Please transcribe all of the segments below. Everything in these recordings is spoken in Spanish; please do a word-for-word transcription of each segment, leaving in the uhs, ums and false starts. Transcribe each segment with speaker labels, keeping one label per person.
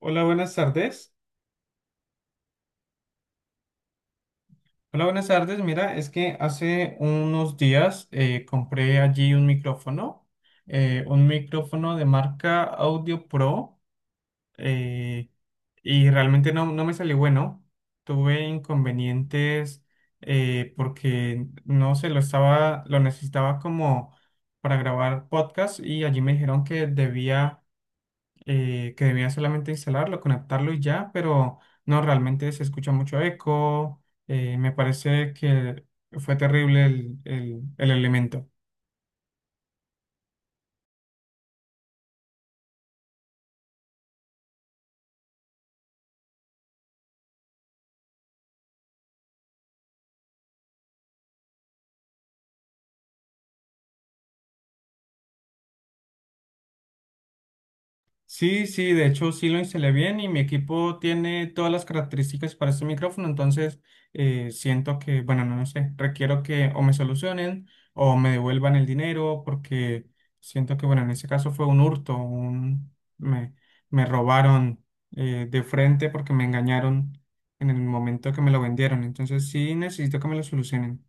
Speaker 1: Hola, buenas tardes. Hola, buenas tardes. Mira, es que hace unos días eh, compré allí un micrófono, eh, un micrófono de marca Audio Pro, eh, y realmente no, no me salió bueno. Tuve inconvenientes eh, porque no sé, lo estaba, lo necesitaba como para grabar podcast y allí me dijeron que debía eh, que debía solamente instalarlo, conectarlo y ya, pero no, realmente se escucha mucho eco. Eh, me parece que fue terrible el, el- el elemento. Sí, sí, de hecho sí lo instalé bien y mi equipo tiene todas las características para este micrófono, entonces eh, siento que, bueno, no, lo sé, requiero que o me solucionen o me devuelvan el dinero porque siento que, bueno, en ese caso fue un hurto, un, me, me robaron eh, de frente porque me engañaron en el momento que me lo vendieron, entonces sí necesito que me lo solucionen.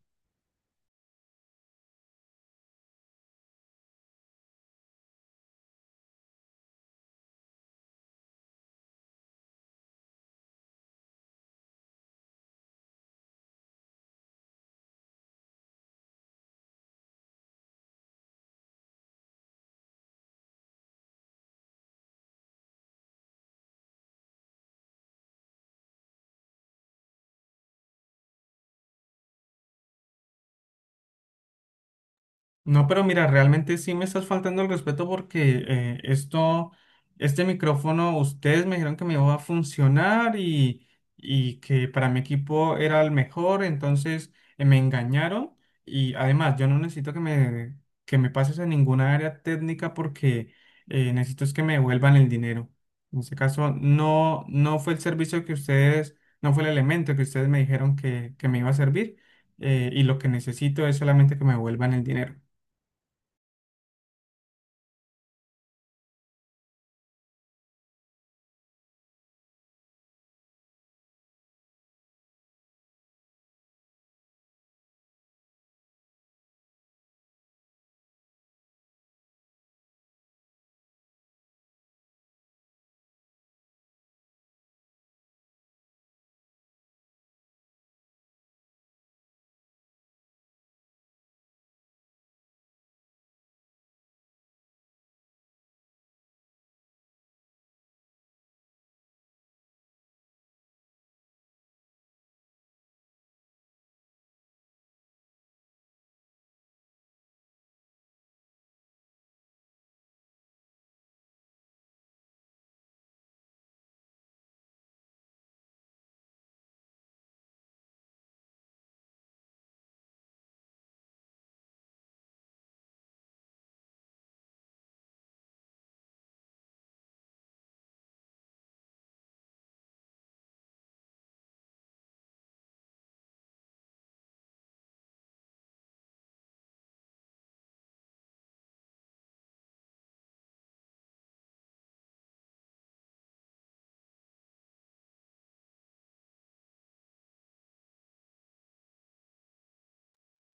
Speaker 1: No, pero mira, realmente sí me estás faltando el respeto porque eh, esto, este micrófono, ustedes me dijeron que me iba a funcionar y, y que para mi equipo era el mejor, entonces eh, me engañaron y además yo no necesito que me, que me pases en ninguna área técnica porque eh, necesito es que me devuelvan el dinero. En este caso, no, no fue el servicio que ustedes, no fue el elemento que ustedes me dijeron que, que me iba a servir eh, y lo que necesito es solamente que me devuelvan el dinero.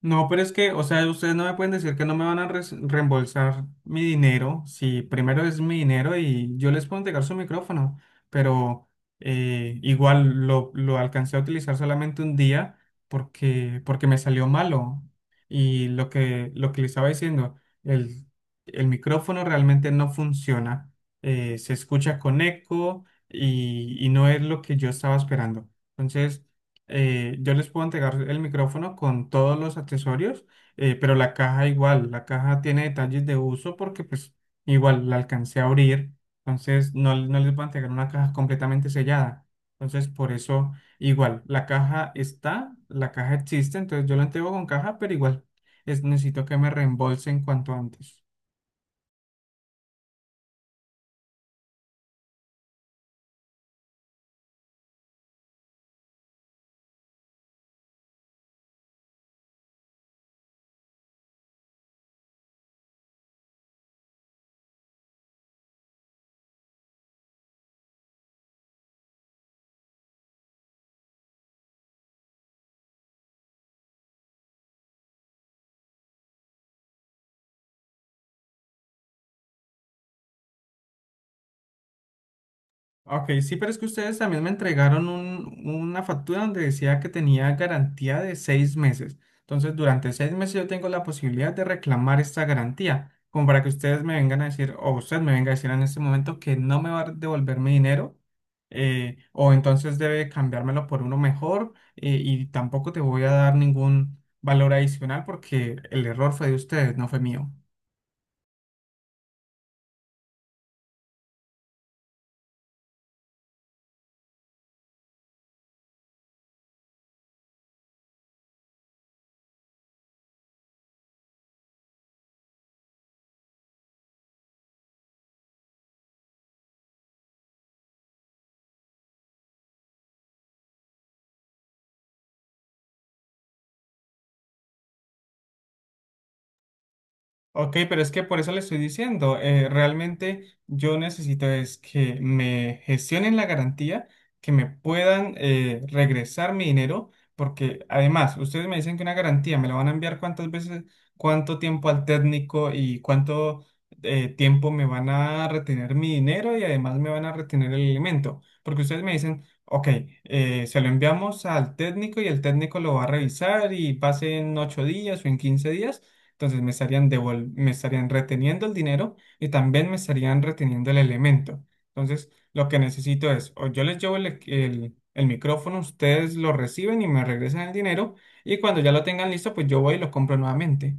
Speaker 1: No, pero es que, o sea, ustedes no me pueden decir que no me van a res- reembolsar mi dinero, si primero es mi dinero y yo les puedo entregar su micrófono, pero eh, igual lo, lo alcancé a utilizar solamente un día porque, porque me salió malo. Y lo que, lo que les estaba diciendo, el, el micrófono realmente no funciona, eh, se escucha con eco y, y no es lo que yo estaba esperando. Entonces eh, yo les puedo entregar el micrófono con todos los accesorios, eh, pero la caja igual, la caja tiene detalles de uso porque pues igual la alcancé a abrir, entonces no, no les voy a entregar una caja completamente sellada. Entonces por eso igual, la caja está, la caja existe, entonces yo la entrego con caja, pero igual es, necesito que me reembolsen cuanto antes. Ok, sí, pero es que ustedes también me entregaron un- una factura donde decía que tenía garantía de seis meses. Entonces, durante seis meses yo tengo la posibilidad de reclamar esta garantía, como para que ustedes me vengan a decir, o usted me venga a decir en este momento que no me va a devolver mi dinero, eh, o entonces debe cambiármelo por uno mejor, eh, y tampoco te voy a dar ningún valor adicional porque el error fue de ustedes, no fue mío. Ok, pero es que por eso le estoy diciendo, eh, realmente yo necesito es que me gestionen la garantía, que me puedan eh, regresar mi dinero, porque además ustedes me dicen que una garantía me la van a enviar cuántas veces, cuánto tiempo al técnico y cuánto eh, tiempo me van a retener mi dinero y además me van a retener el alimento, porque ustedes me dicen, ok, eh, se lo enviamos al técnico y el técnico lo va a revisar y pase en ocho días o en quince días. Entonces me estarían devol- me estarían reteniendo el dinero y también me estarían reteniendo el elemento. Entonces, lo que necesito es, o yo les llevo el, equ- el- el micrófono, ustedes lo reciben y me regresan el dinero, y cuando ya lo tengan listo, pues yo voy y lo compro nuevamente.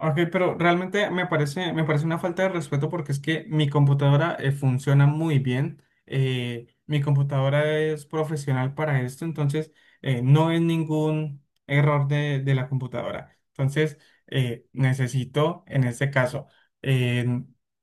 Speaker 1: Ok, pero realmente me parece, me parece una falta de respeto porque es que mi computadora eh, funciona muy bien. Eh, mi computadora es profesional para esto, entonces eh, no es ningún error de, de la computadora. Entonces eh, necesito, en este caso, eh,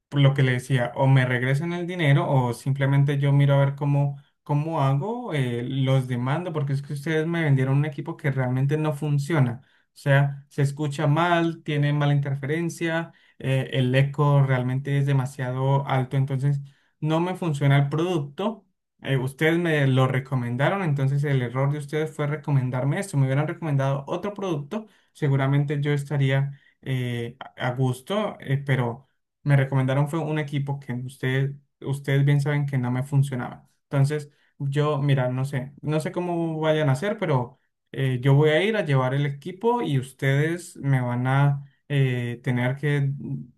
Speaker 1: por lo que le decía, o me regresan el dinero o simplemente yo miro a ver cómo, cómo hago, eh, los demando porque es que ustedes me vendieron un equipo que realmente no funciona. O sea, se escucha mal, tiene mala interferencia, eh, el eco realmente es demasiado alto, entonces no me funciona el producto. Eh, ustedes me lo recomendaron, entonces el error de ustedes fue recomendarme esto. Me hubieran recomendado otro producto, seguramente yo estaría eh, a a gusto, eh, pero me recomendaron fue un equipo que ustedes, ustedes bien saben que no me funcionaba. Entonces, yo, mira, no sé, no sé cómo vayan a hacer, pero eh, yo voy a ir a llevar el equipo y ustedes me van a eh, tener que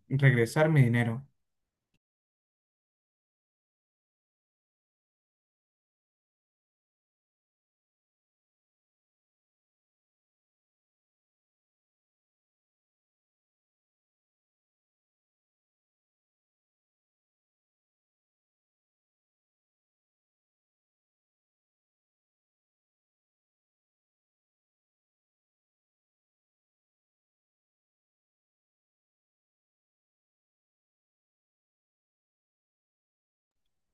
Speaker 1: regresar mi dinero.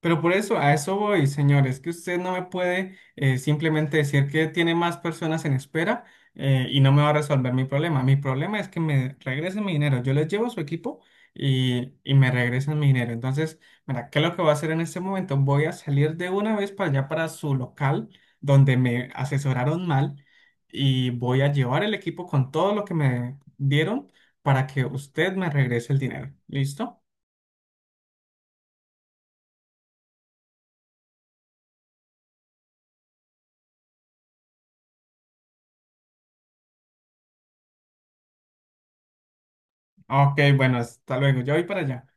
Speaker 1: Pero por eso, a eso voy, señores, que usted no me puede eh, simplemente decir que tiene más personas en espera eh, y no me va a resolver mi problema. Mi problema es que me regresen mi dinero. Yo les llevo su equipo y, y me regresan mi dinero. Entonces, mira, ¿qué es lo que voy a hacer en este momento? Voy a salir de una vez para allá, para su local, donde me asesoraron mal y voy a llevar el equipo con todo lo que me dieron para que usted me regrese el dinero. ¿Listo? Ok, bueno, hasta luego. Yo voy para allá.